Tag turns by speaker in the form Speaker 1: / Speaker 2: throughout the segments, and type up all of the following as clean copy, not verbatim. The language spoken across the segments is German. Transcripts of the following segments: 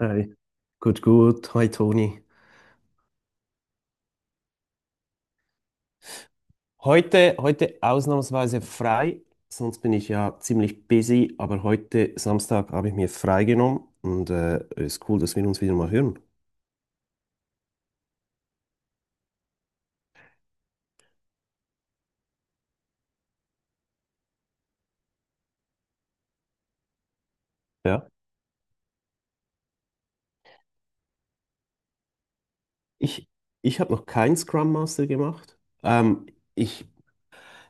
Speaker 1: Hi, gut, gut. Hi, Toni. Heute ausnahmsweise frei, sonst bin ich ja ziemlich busy, aber heute Samstag habe ich mir frei genommen und ist cool, dass wir uns wieder mal hören. Ja. Ich, ich habe noch keinen Scrum Master gemacht. Ähm, ich,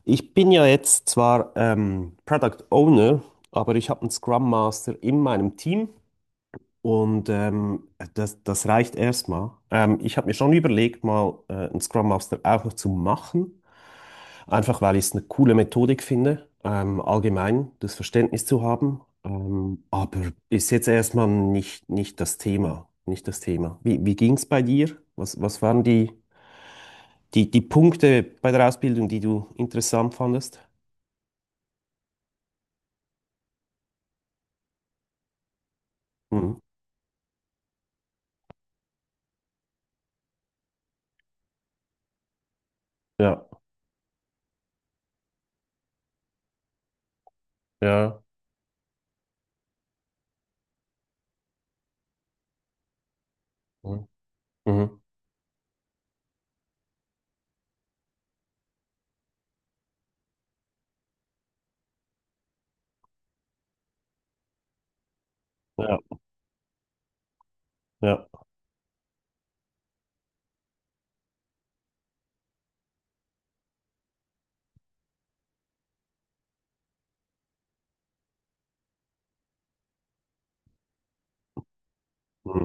Speaker 1: ich bin ja jetzt zwar Product Owner, aber ich habe einen Scrum Master in meinem Team und das reicht erstmal. Ich habe mir schon überlegt, mal einen Scrum Master auch noch zu machen. Einfach weil ich es eine coole Methodik finde, allgemein das Verständnis zu haben. Aber ist jetzt erstmal nicht das Thema. Nicht das Thema. Wie ging es bei dir? Was waren die Punkte bei der Ausbildung, die du interessant fandest? Mhm. Ja, ja. Mhm. Mhm. Ja, ja. Mhm.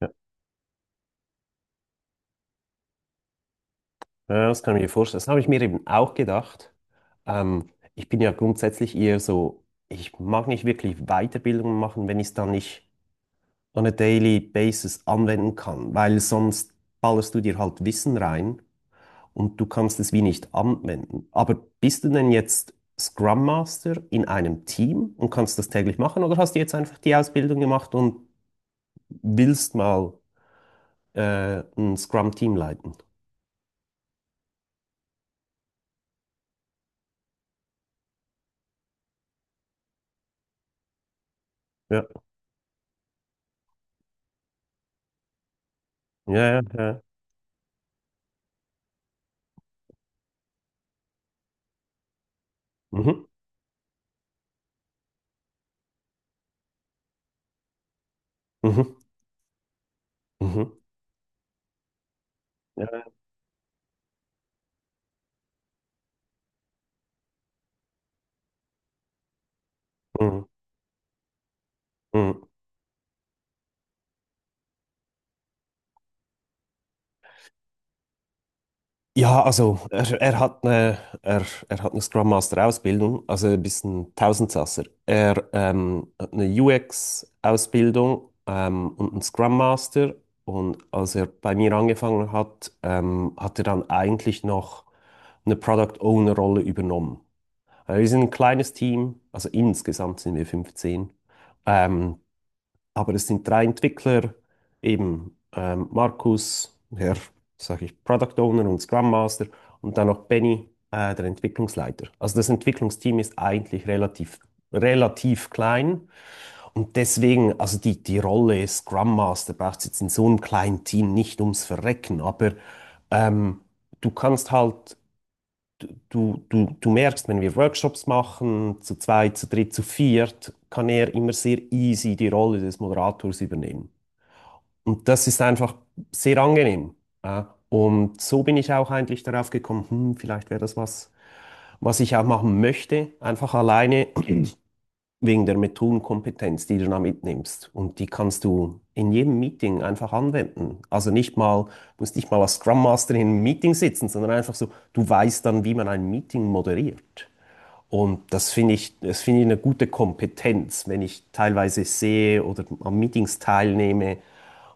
Speaker 1: Ja, ja, das kann ich mir vorstellen. Das habe ich mir eben auch gedacht. Ähm, ich bin ja grundsätzlich eher so, ich mag nicht wirklich Weiterbildungen machen, wenn ich es dann nicht on a daily basis anwenden kann, weil sonst ballerst du dir halt Wissen rein und du kannst es wie nicht anwenden. Aber bist du denn jetzt Scrum Master in einem Team und kannst das täglich machen oder hast du jetzt einfach die Ausbildung gemacht und willst mal ein Scrum-Team leiten? Ja, ja, ja, ja. Mhm. Mhm. Mhm. Ja. Mhm. Mhm. Ja, also er hat eine Scrum Master Ausbildung, also ein bisschen Tausendsasser. Er hat eine UX Ausbildung und einen Scrum Master. Und als er bei mir angefangen hat, hat er dann eigentlich noch eine Product Owner Rolle übernommen. Wir sind ein kleines Team, also insgesamt sind wir 15. Ähm, aber es sind drei Entwickler, eben Markus, der, sage ich, Product Owner und Scrum Master und dann noch Benny, der Entwicklungsleiter. Also das Entwicklungsteam ist eigentlich relativ klein und deswegen, also die Rolle Scrum Master braucht es jetzt in so einem kleinen Team nicht ums Verrecken, aber ähm, du kannst halt, du merkst, wenn wir Workshops machen, zu zweit, zu dritt, zu viert, kann er immer sehr easy die Rolle des Moderators übernehmen. Und das ist einfach sehr angenehm. Ja. Und so bin ich auch eigentlich darauf gekommen, vielleicht wäre das was, was ich auch machen möchte, einfach alleine wegen der Methodenkompetenz, die du da mitnimmst. Und die kannst du in jedem Meeting einfach anwenden. Also nicht mal, musst nicht mal als Scrum Master in einem Meeting sitzen, sondern einfach so, du weißt dann, wie man ein Meeting moderiert. Und das finde ich eine gute Kompetenz, wenn ich teilweise sehe oder an Meetings teilnehme,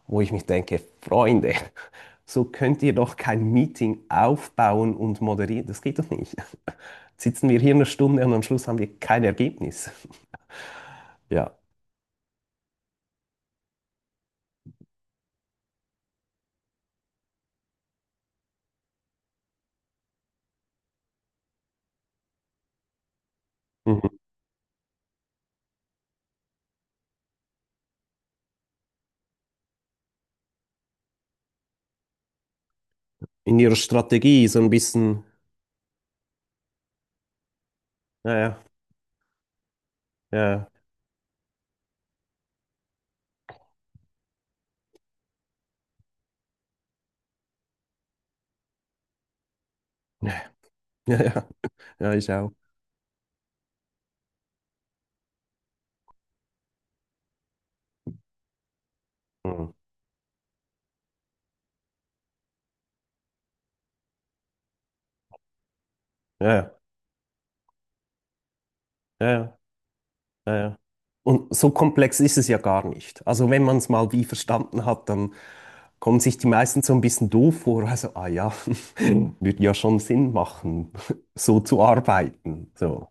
Speaker 1: wo ich mich denke, Freunde, so könnt ihr doch kein Meeting aufbauen und moderieren. Das geht doch nicht. sitzen wir hier eine Stunde und am Schluss haben wir kein Ergebnis. Ja. Mhm. In ihrer Strategie so ein bisschen. Ja, ja, ja, ja, ja, ja, ja, ich auch. Mhm. Ja, ja, ja, ja, ja. Und so komplex ist es ja gar nicht. Also wenn man es mal wie verstanden hat, dann kommen sich die meisten so ein bisschen doof vor. Also, ah ja, würde ja schon Sinn machen, so zu arbeiten. So.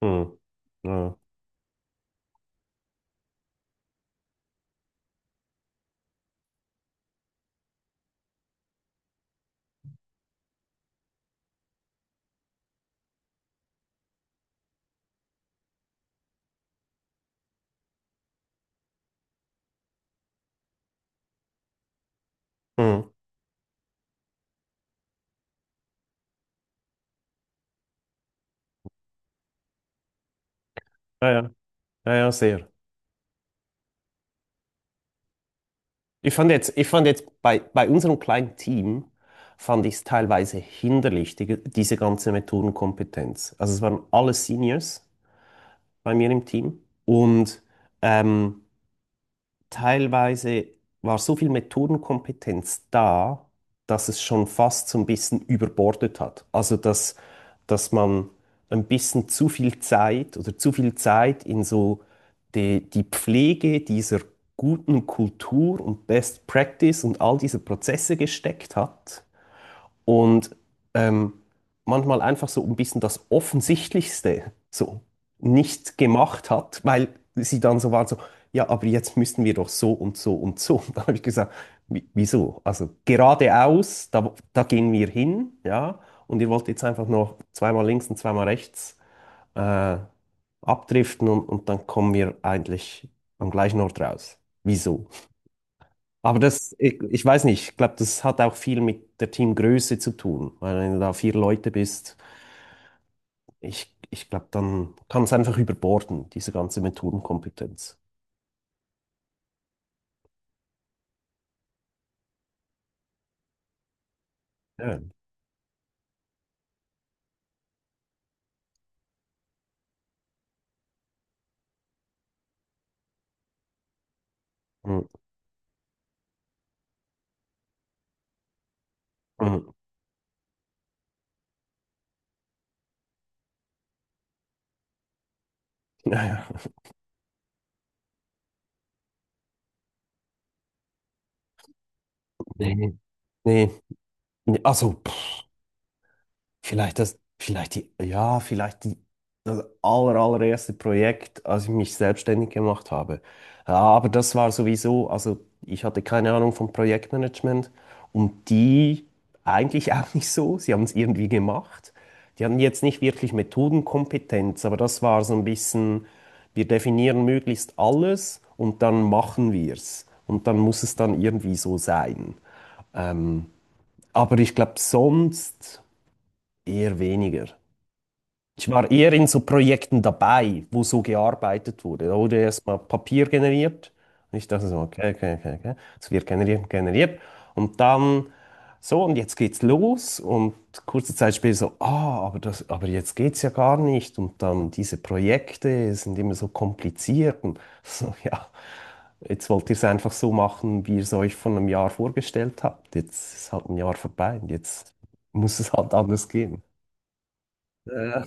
Speaker 1: Mhm. Ja. Mhm. Ja, ja, ja, ja, sehr. Ich fand jetzt bei bei unserem kleinen Team, fand ich es teilweise hinderlich, diese ganze Methodenkompetenz. Also es waren alle Seniors bei mir im Team und ähm, teilweise war so viel Methodenkompetenz da, dass es schon fast so ein bisschen überbordet hat. Also dass man ein bisschen zu viel Zeit oder zu viel Zeit in so die Pflege dieser guten Kultur und Best Practice und all diese Prozesse gesteckt hat und ähm, manchmal einfach so ein bisschen das Offensichtlichste so nicht gemacht hat, weil sie dann so waren so, ja, aber jetzt müssten wir doch so und so und so. Und dann habe ich gesagt, wieso? Also geradeaus, da gehen wir hin, ja, und ihr wollt jetzt einfach noch zweimal links und zweimal rechts äh, abdriften und dann kommen wir eigentlich am gleichen Ort raus. Wieso? Aber ich weiß nicht, ich glaube, das hat auch viel mit der Teamgröße zu tun. Weil wenn du da vier Leute bist, ich glaube, dann kann es einfach überborden, diese ganze Methodenkompetenz. Ja. Mm, mm. Ja, ja. Nee, nee. Nee, also, pff, ja, vielleicht die allererste Projekt, als ich mich selbstständig gemacht habe. Ja, aber das war sowieso, also ich hatte keine Ahnung vom Projektmanagement und die eigentlich auch nicht so. Sie haben es irgendwie gemacht. Die hatten jetzt nicht wirklich Methodenkompetenz, aber das war so ein bisschen, wir definieren möglichst alles und dann machen wir es. Und dann muss es dann irgendwie so sein. Ähm, aber ich glaube, sonst eher weniger. Ich war eher in so Projekten dabei, wo so gearbeitet wurde. Da wurde erstmal Papier generiert. Und ich dachte so, okay, okay, okay, okay. Es wird generiert, generiert. Und dann so, und jetzt geht's los. Und kurze Zeit später so, ah, aber jetzt geht's ja gar nicht. Und dann diese Projekte sind immer so kompliziert. Und so, ja, jetzt wollt ihr es einfach so machen, wie ihr es euch von einem Jahr vorgestellt habt. Jetzt ist halt ein Jahr vorbei und jetzt muss es halt anders gehen. Ja,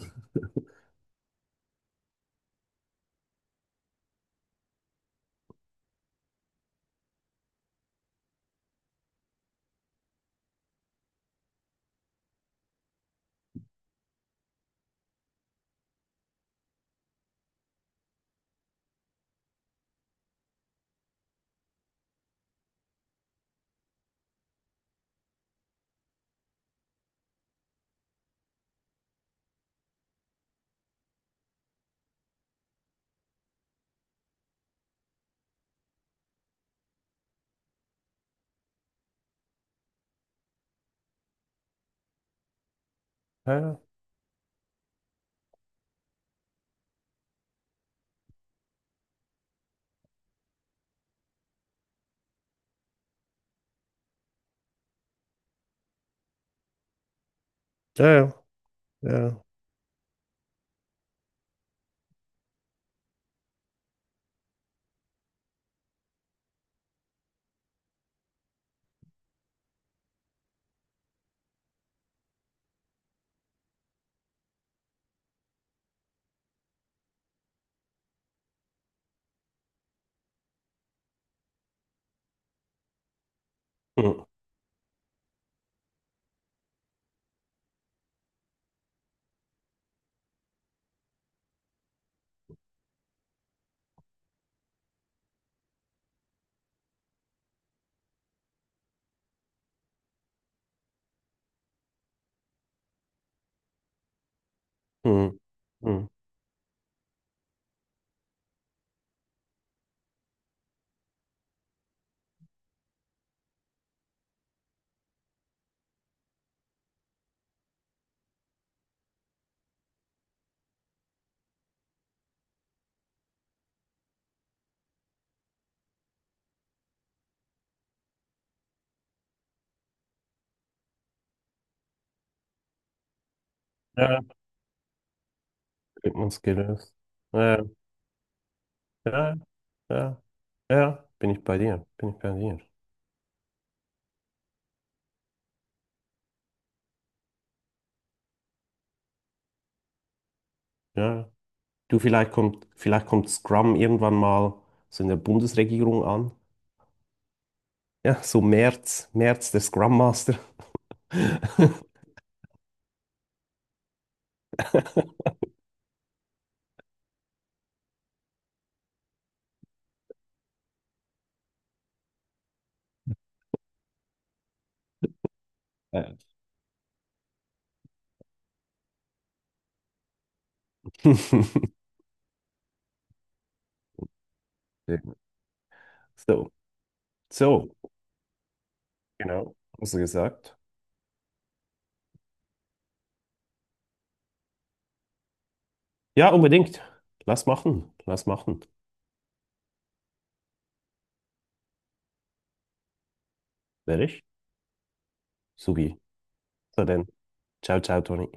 Speaker 1: ja, ja, ja. Ja. Hm, hm, hm. Ja, gibt gelöst. Ja, ja, ja, ja, bin ich bei dir, bin ich bei dir. Ja, du, vielleicht kommt Scrum irgendwann mal so in der Bundesregierung an. Ja, so März, März, der Scrum Master. Ja. So, so, genau, hast du gesagt. Ja, unbedingt. Lass machen, lass machen. Werde ich? Subi. So denn. Ciao, ciao, Toni.